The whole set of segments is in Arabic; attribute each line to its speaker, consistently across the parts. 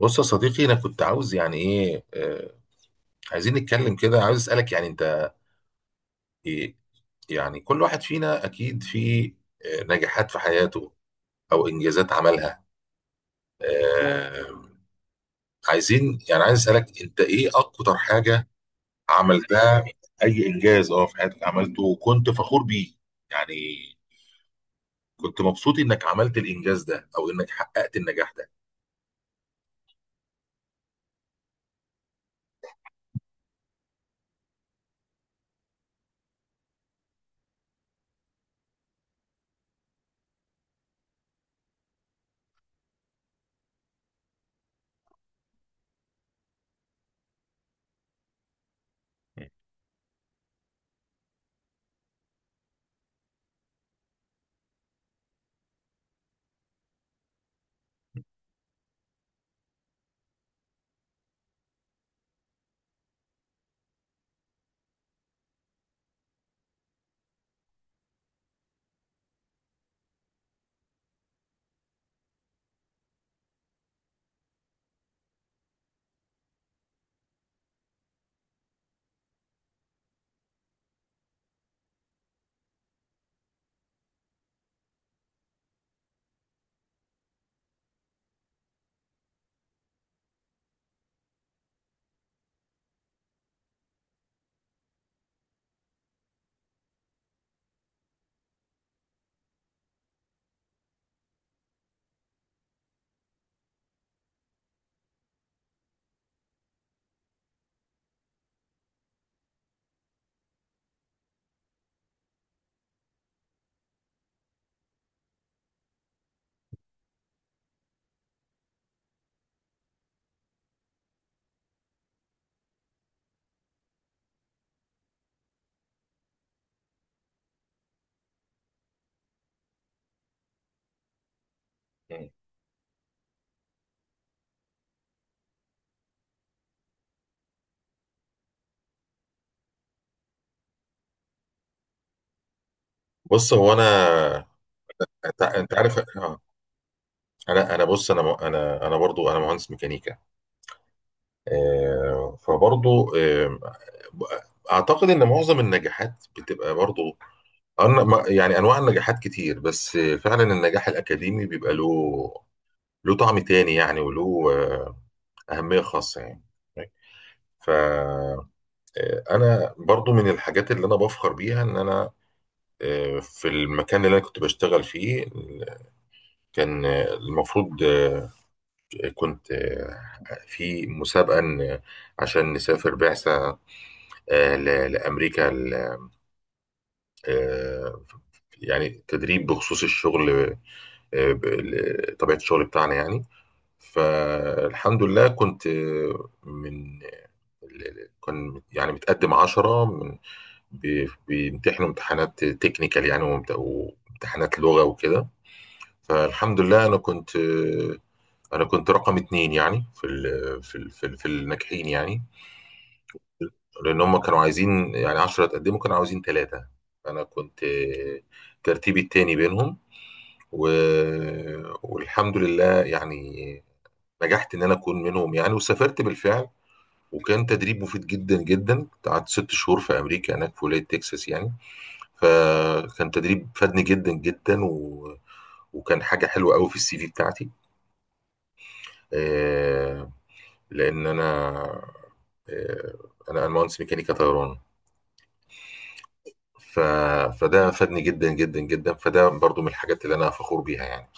Speaker 1: بص يا صديقي، انا كنت عاوز يعني ايه عايزين نتكلم كده، عاوز اسالك يعني انت إيه. يعني كل واحد فينا اكيد في نجاحات في حياته او انجازات عملها. آه عايزين يعني عايز اسالك، انت ايه اكتر حاجه عملتها؟ اي انجاز في حياتك عملته وكنت فخور بيه يعني، كنت مبسوط انك عملت الانجاز ده او انك حققت النجاح ده. مم. بص هو انا، انت عارف. انا بص، انا برضو انا مهندس ميكانيكا. فبرضو اعتقد ان معظم النجاحات بتبقى برضو يعني انواع النجاحات كتير، بس فعلا النجاح الاكاديمي بيبقى له له طعم تاني يعني، وله اهمية خاصة يعني. ف آه، انا برضو من الحاجات اللي انا بفخر بيها ان انا في المكان اللي انا كنت بشتغل فيه، كان المفروض كنت في مسابقة عشان نسافر بعثة لأمريكا آه، يعني تدريب بخصوص الشغل. طبيعة الشغل بتاعنا يعني. فالحمد لله، كنت آه، من كان يعني متقدم 10، بيمتحنوا امتحانات تكنيكال يعني، وامتحانات لغة وكده. فالحمد لله أنا كنت أنا كنت رقم 2 يعني، في في الناجحين يعني. لان هم كانوا عايزين يعني 10 اتقدموا، كانوا عاوزين 3، انا كنت ترتيبي التاني بينهم. و... والحمد لله يعني نجحت ان انا اكون منهم يعني، وسافرت بالفعل. وكان تدريب مفيد جدا جدا، قعدت 6 شهور في امريكا هناك في ولايه تكساس يعني. فكان تدريب فادني جدا جدا، وكان حاجه حلوه قوي في السي في بتاعتي. آه، لان انا آه، انا مهندس ميكانيكا طيران. ف... فده فادني جدا جدا جدا، فده برضو من الحاجات اللي انا فخور بيها يعني.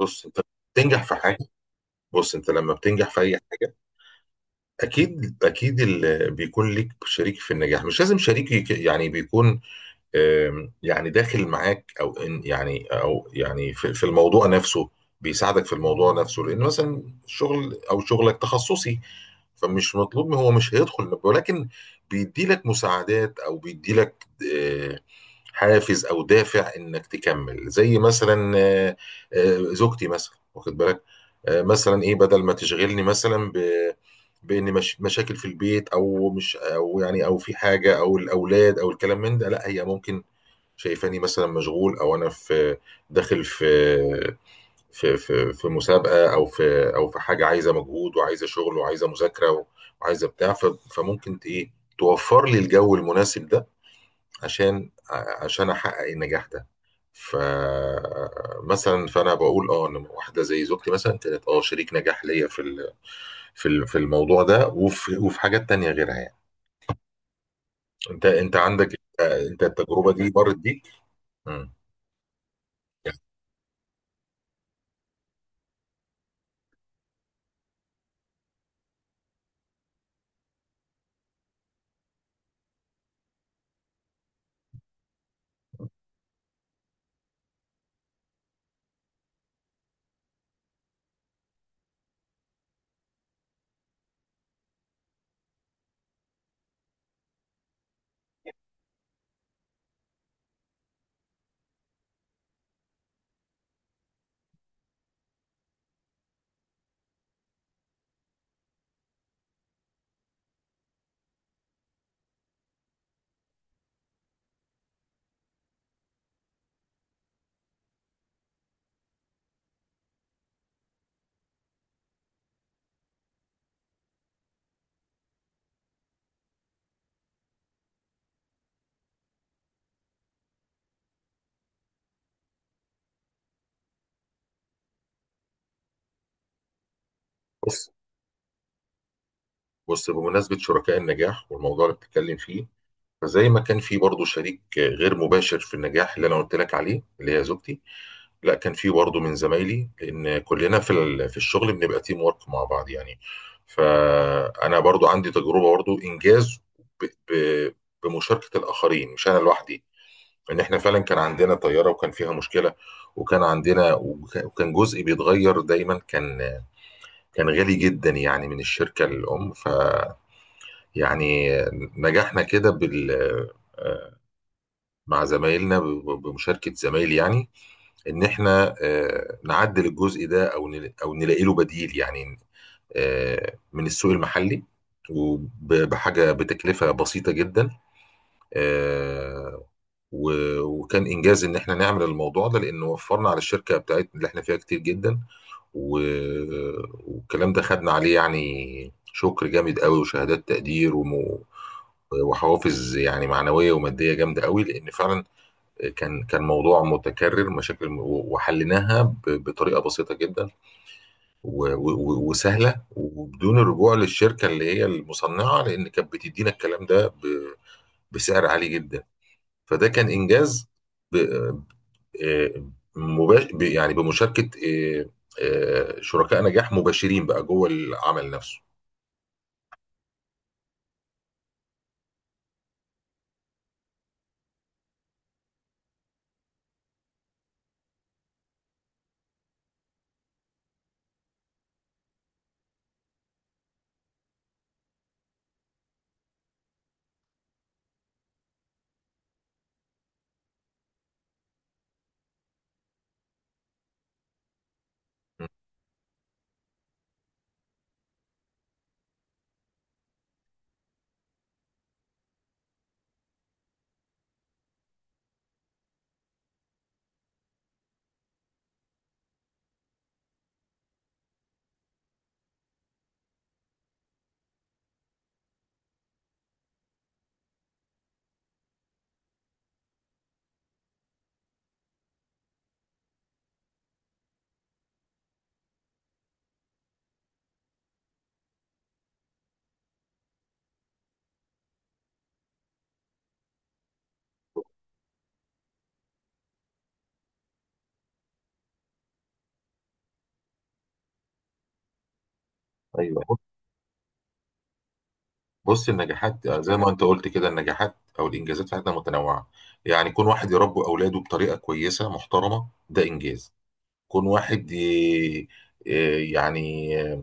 Speaker 1: بص انت بتنجح في حاجه، بص انت لما بتنجح في اي حاجه اكيد اكيد اللي بيكون ليك شريك في النجاح، مش لازم شريك يعني بيكون يعني داخل معاك، او إن يعني او يعني في الموضوع نفسه، بيساعدك في الموضوع نفسه. لان مثلا شغل او شغلك تخصصي، فمش مطلوب، هو مش هيدخل، ولكن بيدي لك مساعدات او بيدي لك حافز او دافع انك تكمل. زي مثلا زوجتي مثلا، واخد بالك، مثلا ايه، بدل ما تشغلني مثلا بان مش مشاكل في البيت او مش او يعني او في حاجه او الاولاد او الكلام من ده، لا، هي ممكن شايفاني مثلا مشغول او انا في داخل في في مسابقه او في او في حاجه عايزه مجهود وعايزه شغل وعايزه مذاكره وعايزه بتاع، فممكن ايه توفر لي الجو المناسب ده عشان عشان احقق النجاح ده. فمثلا فانا بقول اه ان واحده زي زوجتي مثلا كانت اه شريك نجاح ليا في في الموضوع ده وفي حاجات تانية غيرها يعني. انت عندك انت التجربه دي مرت بيك. مم. يعني بص بص بمناسبه شركاء النجاح والموضوع اللي بتتكلم فيه، فزي ما كان في برضه شريك غير مباشر في النجاح اللي انا قلت لك عليه اللي هي زوجتي، لا كان في برضه من زمايلي، لان كلنا في في الشغل بنبقى تيم ورك مع بعض يعني. فانا برضه عندي تجربه برضه انجاز ب- ب- بمشاركه الاخرين، مش انا لوحدي. لان احنا فعلا كان عندنا طياره وكان فيها مشكله، وكان عندنا وكان جزء بيتغير دايما، كان كان غالي جدا يعني من الشركه الام. فيعني نجحنا كده بال مع زمايلنا بمشاركه زمايلي يعني، ان احنا نعدل الجزء ده او او نلاقي له بديل يعني، من السوق المحلي وبحاجه بتكلفه بسيطه جدا. آه، وكان انجاز ان احنا نعمل الموضوع ده، لانه وفرنا على الشركه بتاعتنا اللي احنا فيها كتير جدا. و- والكلام ده خدنا عليه يعني شكر جامد قوي وشهادات تقدير وحوافز يعني معنويه وماديه جامده قوي، لان فعلا كان كان موضوع متكرر مشاكل، وحليناها بطريقه بسيطه جدا وسهله، وبدون الرجوع للشركه اللي هي المصنعه، لان كانت بتدينا الكلام ده بسعر عالي جدا. فده كان انجاز ب- آه، يعني بمشاركه شركاء نجاح مباشرين بقى جوه العمل نفسه. م. ايوه، بص النجاحات زي ما انت قلت كده، النجاحات او الانجازات في حياتنا متنوعه يعني. كون واحد يربي اولاده بطريقه كويسه محترمه ده انجاز. كون واحد يعني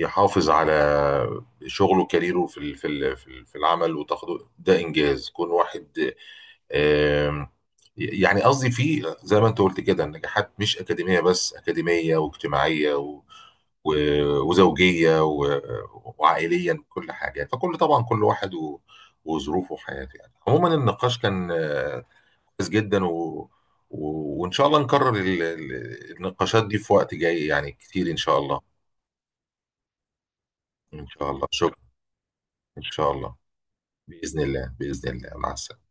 Speaker 1: يحافظ على شغله وكاريره في في العمل وتاخده، ده انجاز. كون واحد آم، يعني قصدي في، زي ما انت قلت كده، النجاحات مش اكاديميه بس، اكاديميه واجتماعيه و... وزوجيه وعائليا كل حاجه. فكل، طبعا كل واحد وظروفه وحياته يعني. عموما النقاش كان كويس جدا و... وان شاء الله نكرر النقاشات دي في وقت جاي يعني كتير ان شاء الله. ان شاء الله، شكرا. ان شا الله، باذن الله، باذن الله، مع السلامه.